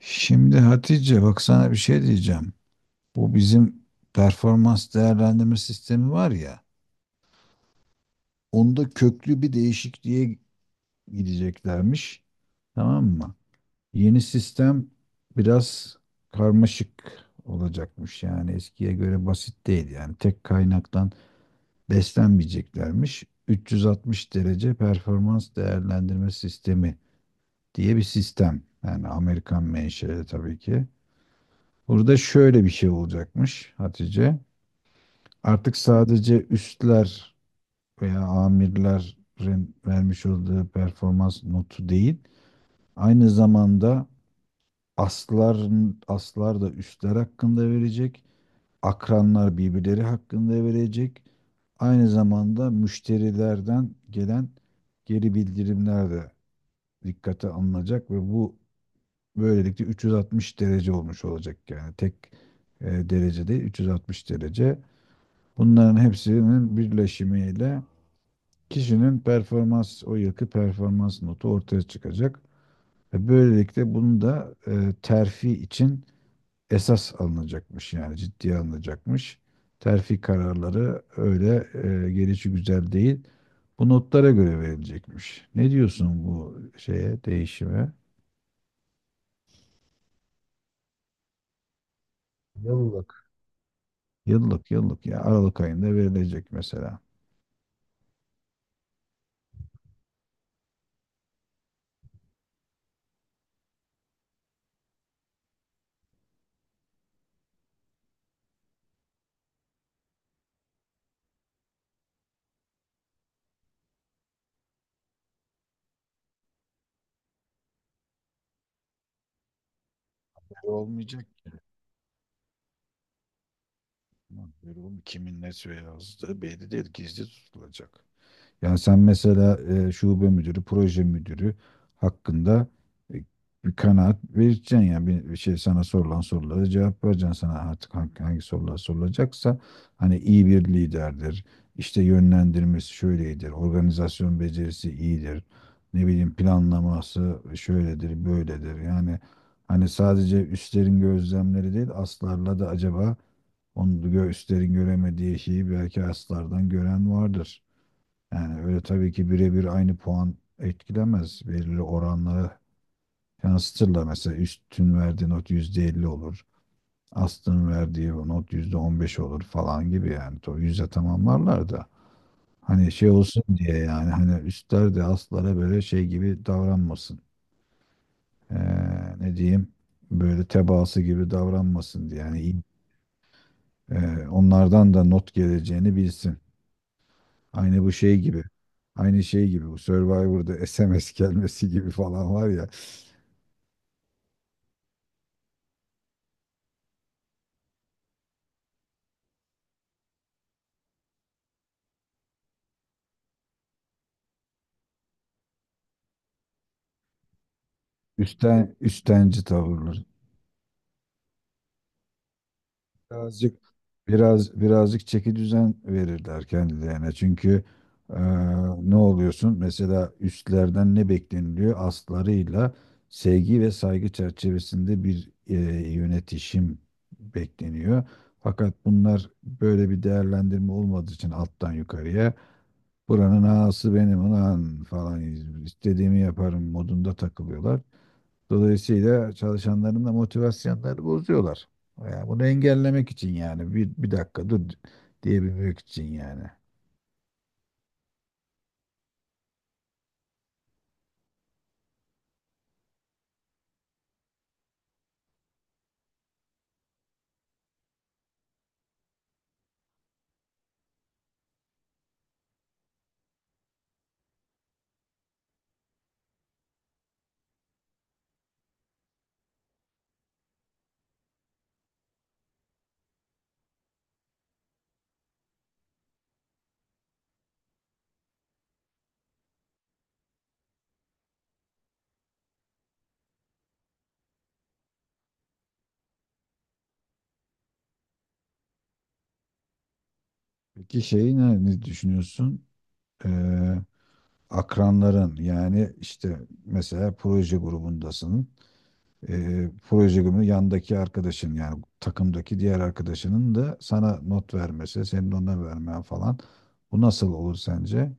Şimdi Hatice bak sana bir şey diyeceğim. Bu bizim performans değerlendirme sistemi var ya. Onda köklü bir değişikliğe gideceklermiş. Tamam mı? Yeni sistem biraz karmaşık olacakmış. Yani eskiye göre basit değil. Yani tek kaynaktan beslenmeyeceklermiş. 360 derece performans değerlendirme sistemi diye bir sistem. Yani Amerikan menşeli tabii ki. Burada şöyle bir şey olacakmış Hatice. Artık sadece üstler veya amirlerin vermiş olduğu performans notu değil, aynı zamanda aslar, aslar da üstler hakkında verecek, akranlar birbirleri hakkında verecek. Aynı zamanda müşterilerden gelen geri bildirimler de dikkate alınacak ve bu böylelikle 360 derece olmuş olacak, yani tek derece değil 360 derece. Bunların hepsinin birleşimiyle kişinin performans, o yılki performans notu ortaya çıkacak. Ve böylelikle bunu da terfi için esas alınacakmış, yani ciddiye alınacakmış. Terfi kararları öyle gelişi güzel değil. Bu notlara göre verilecekmiş. Ne diyorsun bu şeye, değişime? Yıllık. Yıllık yıllık ya Aralık ayında verilecek mesela. Olmayacak mı? Böyle olmuyor. Kimin ne yazdığı belli değil. Gizli tutulacak. Yani sen mesela şube müdürü, proje müdürü hakkında e, bir kanaat vereceksin, yani bir şey, sana sorulan sorulara cevap vereceksin. Sana artık hangi sorular sorulacaksa hani iyi bir liderdir, işte yönlendirmesi şöyledir, organizasyon becerisi iyidir, ne bileyim planlaması şöyledir, böyledir. Yani hani sadece üstlerin gözlemleri değil, aslarla da acaba üstlerin göremediği şeyi belki aslardan gören vardır. Yani öyle tabii ki birebir aynı puan etkilemez. Belirli oranlara yansıtırlar. Mesela üstün verdiği not %50 olur. Astın verdiği not %15 olur falan gibi yani. O yüzde tamamlarlar da. Hani şey olsun diye, yani hani üstler de astlara böyle şey gibi davranmasın. Ee, ne diyeyim, böyle tebaası gibi davranmasın diye. Yani onlardan da not geleceğini bilsin. Aynı bu şey gibi. Aynı şey gibi bu Survivor'da SMS gelmesi gibi falan var ya. Üstten üstenci tavırlar. Birazcık birazcık çeki düzen verirler kendilerine. Çünkü e, ne oluyorsun? Mesela üstlerden ne bekleniliyor? Aslarıyla sevgi ve saygı çerçevesinde bir yönetişim bekleniyor. Fakat bunlar böyle bir değerlendirme olmadığı için alttan yukarıya buranın ağası benim ulan falan istediğimi yaparım modunda takılıyorlar. Dolayısıyla çalışanların da motivasyonları bozuyorlar. Yani bunu engellemek için, yani bir dakika dur diyebilmek için yani. Peki şeyi ne düşünüyorsun? Ee, akranların, yani işte mesela proje grubundasın. Proje günü yandaki arkadaşın, yani takımdaki diğer arkadaşının da sana not vermesi, senin ona vermen falan. Bu nasıl olur sence?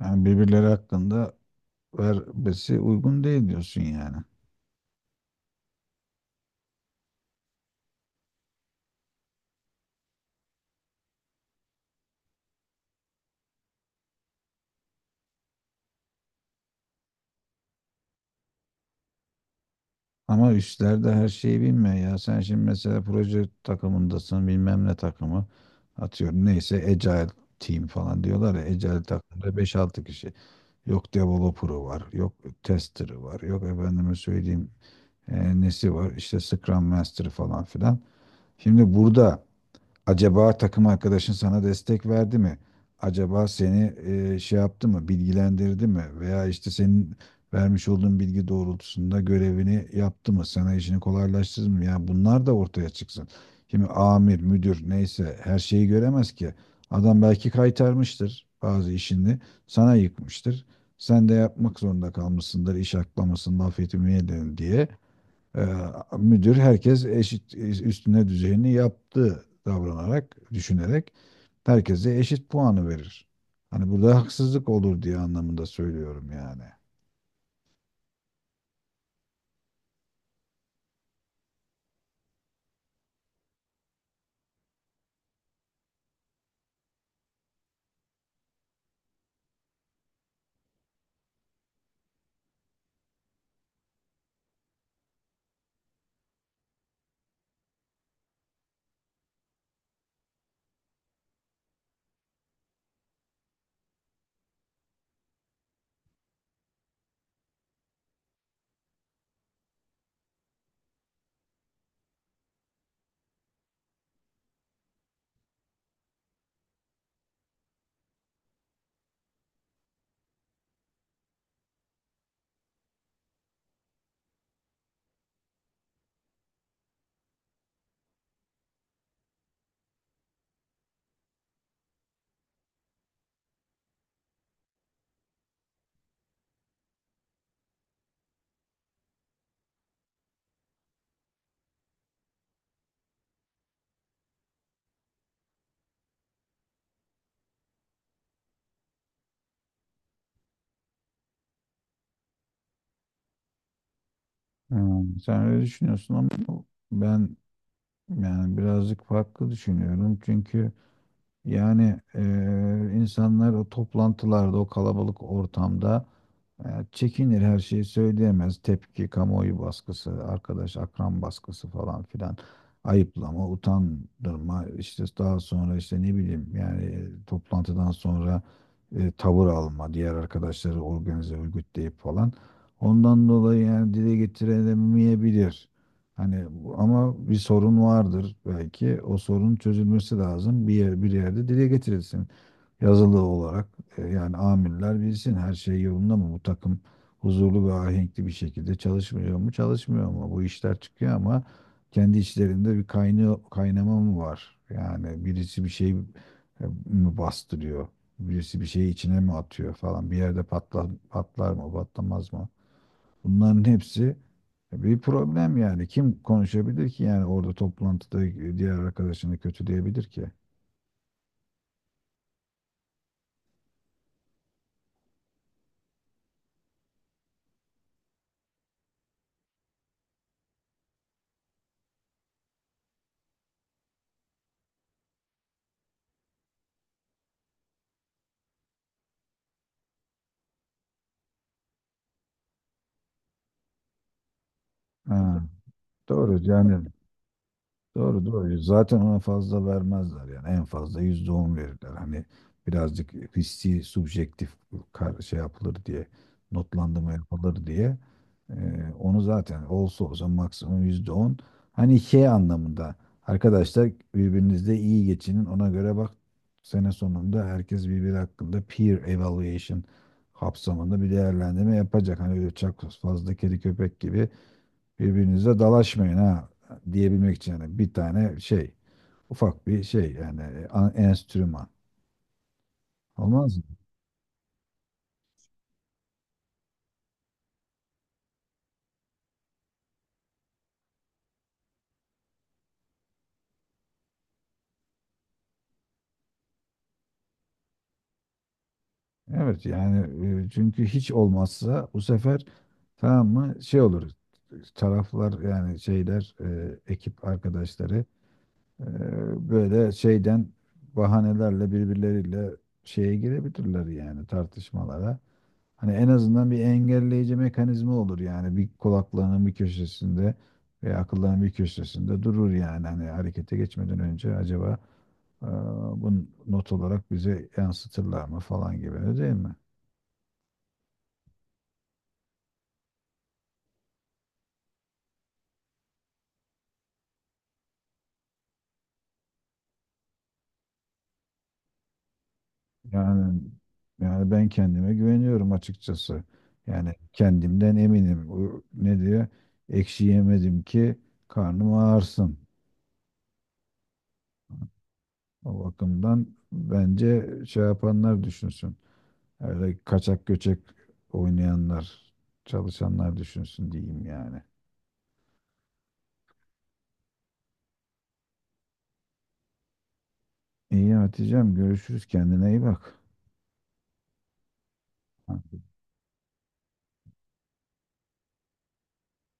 Yani birbirleri hakkında vermesi uygun değil diyorsun yani. Ama üstler de her şeyi bilmiyor ya. Sen şimdi mesela proje takımındasın, bilmem ne takımı. Atıyorum neyse Agile team falan diyorlar ya. Agile takımda beş altı kişi. Yok developer'ı var. Yok tester'ı var. Yok efendime söyleyeyim nesi var. İşte Scrum Master falan filan. Şimdi burada acaba takım arkadaşın sana destek verdi mi? Acaba seni şey yaptı mı, bilgilendirdi mi? Veya işte senin vermiş olduğun bilgi doğrultusunda görevini yaptı mı? Sana işini kolaylaştırdı mı? Yani bunlar da ortaya çıksın. Şimdi amir, müdür neyse her şeyi göremez ki. Adam belki kaytarmıştır bazı işini, sana yıkmıştır. Sen de yapmak zorunda kalmışsındır, iş aklamasın, laf etmeyelim diye. Ee, müdür, herkes eşit üstüne düzeyini yaptı davranarak, düşünerek herkese eşit puanı verir. Hani burada haksızlık olur diye anlamında söylüyorum yani. Sen öyle düşünüyorsun ama ben yani birazcık farklı düşünüyorum. Çünkü yani insanlar o toplantılarda, o kalabalık ortamda yani çekinir, her şeyi söyleyemez. Tepki, kamuoyu baskısı, arkadaş, akran baskısı falan filan. Ayıplama, utandırma, işte daha sonra işte ne bileyim yani toplantıdan sonra tavır alma, diğer arkadaşları organize, örgütleyip falan. Ondan dolayı yani dile getiremeyebilir. Hani ama bir sorun vardır belki. O sorun çözülmesi lazım. Bir yerde dile getirilsin, yazılı olarak. Yani amirler bilsin her şey yolunda mı, bu takım huzurlu ve ahenkli bir şekilde çalışmıyor mu çalışmıyor mu, bu işler çıkıyor ama kendi içlerinde bir kaynıyor, kaynama mı var, yani birisi bir şey mi bastırıyor, birisi bir şeyi içine mi atıyor falan, bir yerde patlar, patlar mı patlamaz mı, bunların hepsi bir problem. Yani kim konuşabilir ki, yani orada toplantıda diğer arkadaşını kötüleyebilir ki? Ha, doğru yani. Doğru doğru. Zaten ona fazla vermezler yani. En fazla %10 verirler. Hani birazcık hissi, subjektif şey yapılır diye, notlandırma yapılır diye. Onu zaten olsa olsa maksimum %10. Hani şey anlamında arkadaşlar birbirinizle iyi geçinin. Ona göre bak, sene sonunda herkes birbiri hakkında peer evaluation kapsamında bir değerlendirme yapacak. Hani öyle çok fazla kedi köpek gibi birbirinize dalaşmayın ha diyebilmek için, yani bir tane şey, ufak bir şey, yani enstrüman. Olmaz mı? Evet yani çünkü hiç olmazsa bu sefer tamam mı şey olur, taraflar yani şeyler, ekip arkadaşları e, böyle şeyden bahanelerle birbirleriyle şeye girebilirler yani tartışmalara. Hani en azından bir engelleyici mekanizma olur, yani bir kulaklarının bir köşesinde veya akıllarının bir köşesinde durur. Yani hani harekete geçmeden önce acaba e, bunu not olarak bize yansıtırlar mı falan gibi, öyle değil mi? Yani yani ben kendime güveniyorum açıkçası. Yani kendimden eminim. O ne diyor? Ekşi yemedim ki karnım ağırsın. O bakımdan bence şey yapanlar düşünsün. Öyle kaçak göçek oynayanlar, çalışanlar düşünsün diyeyim yani. İyi Hatice'm, görüşürüz, kendine iyi bak.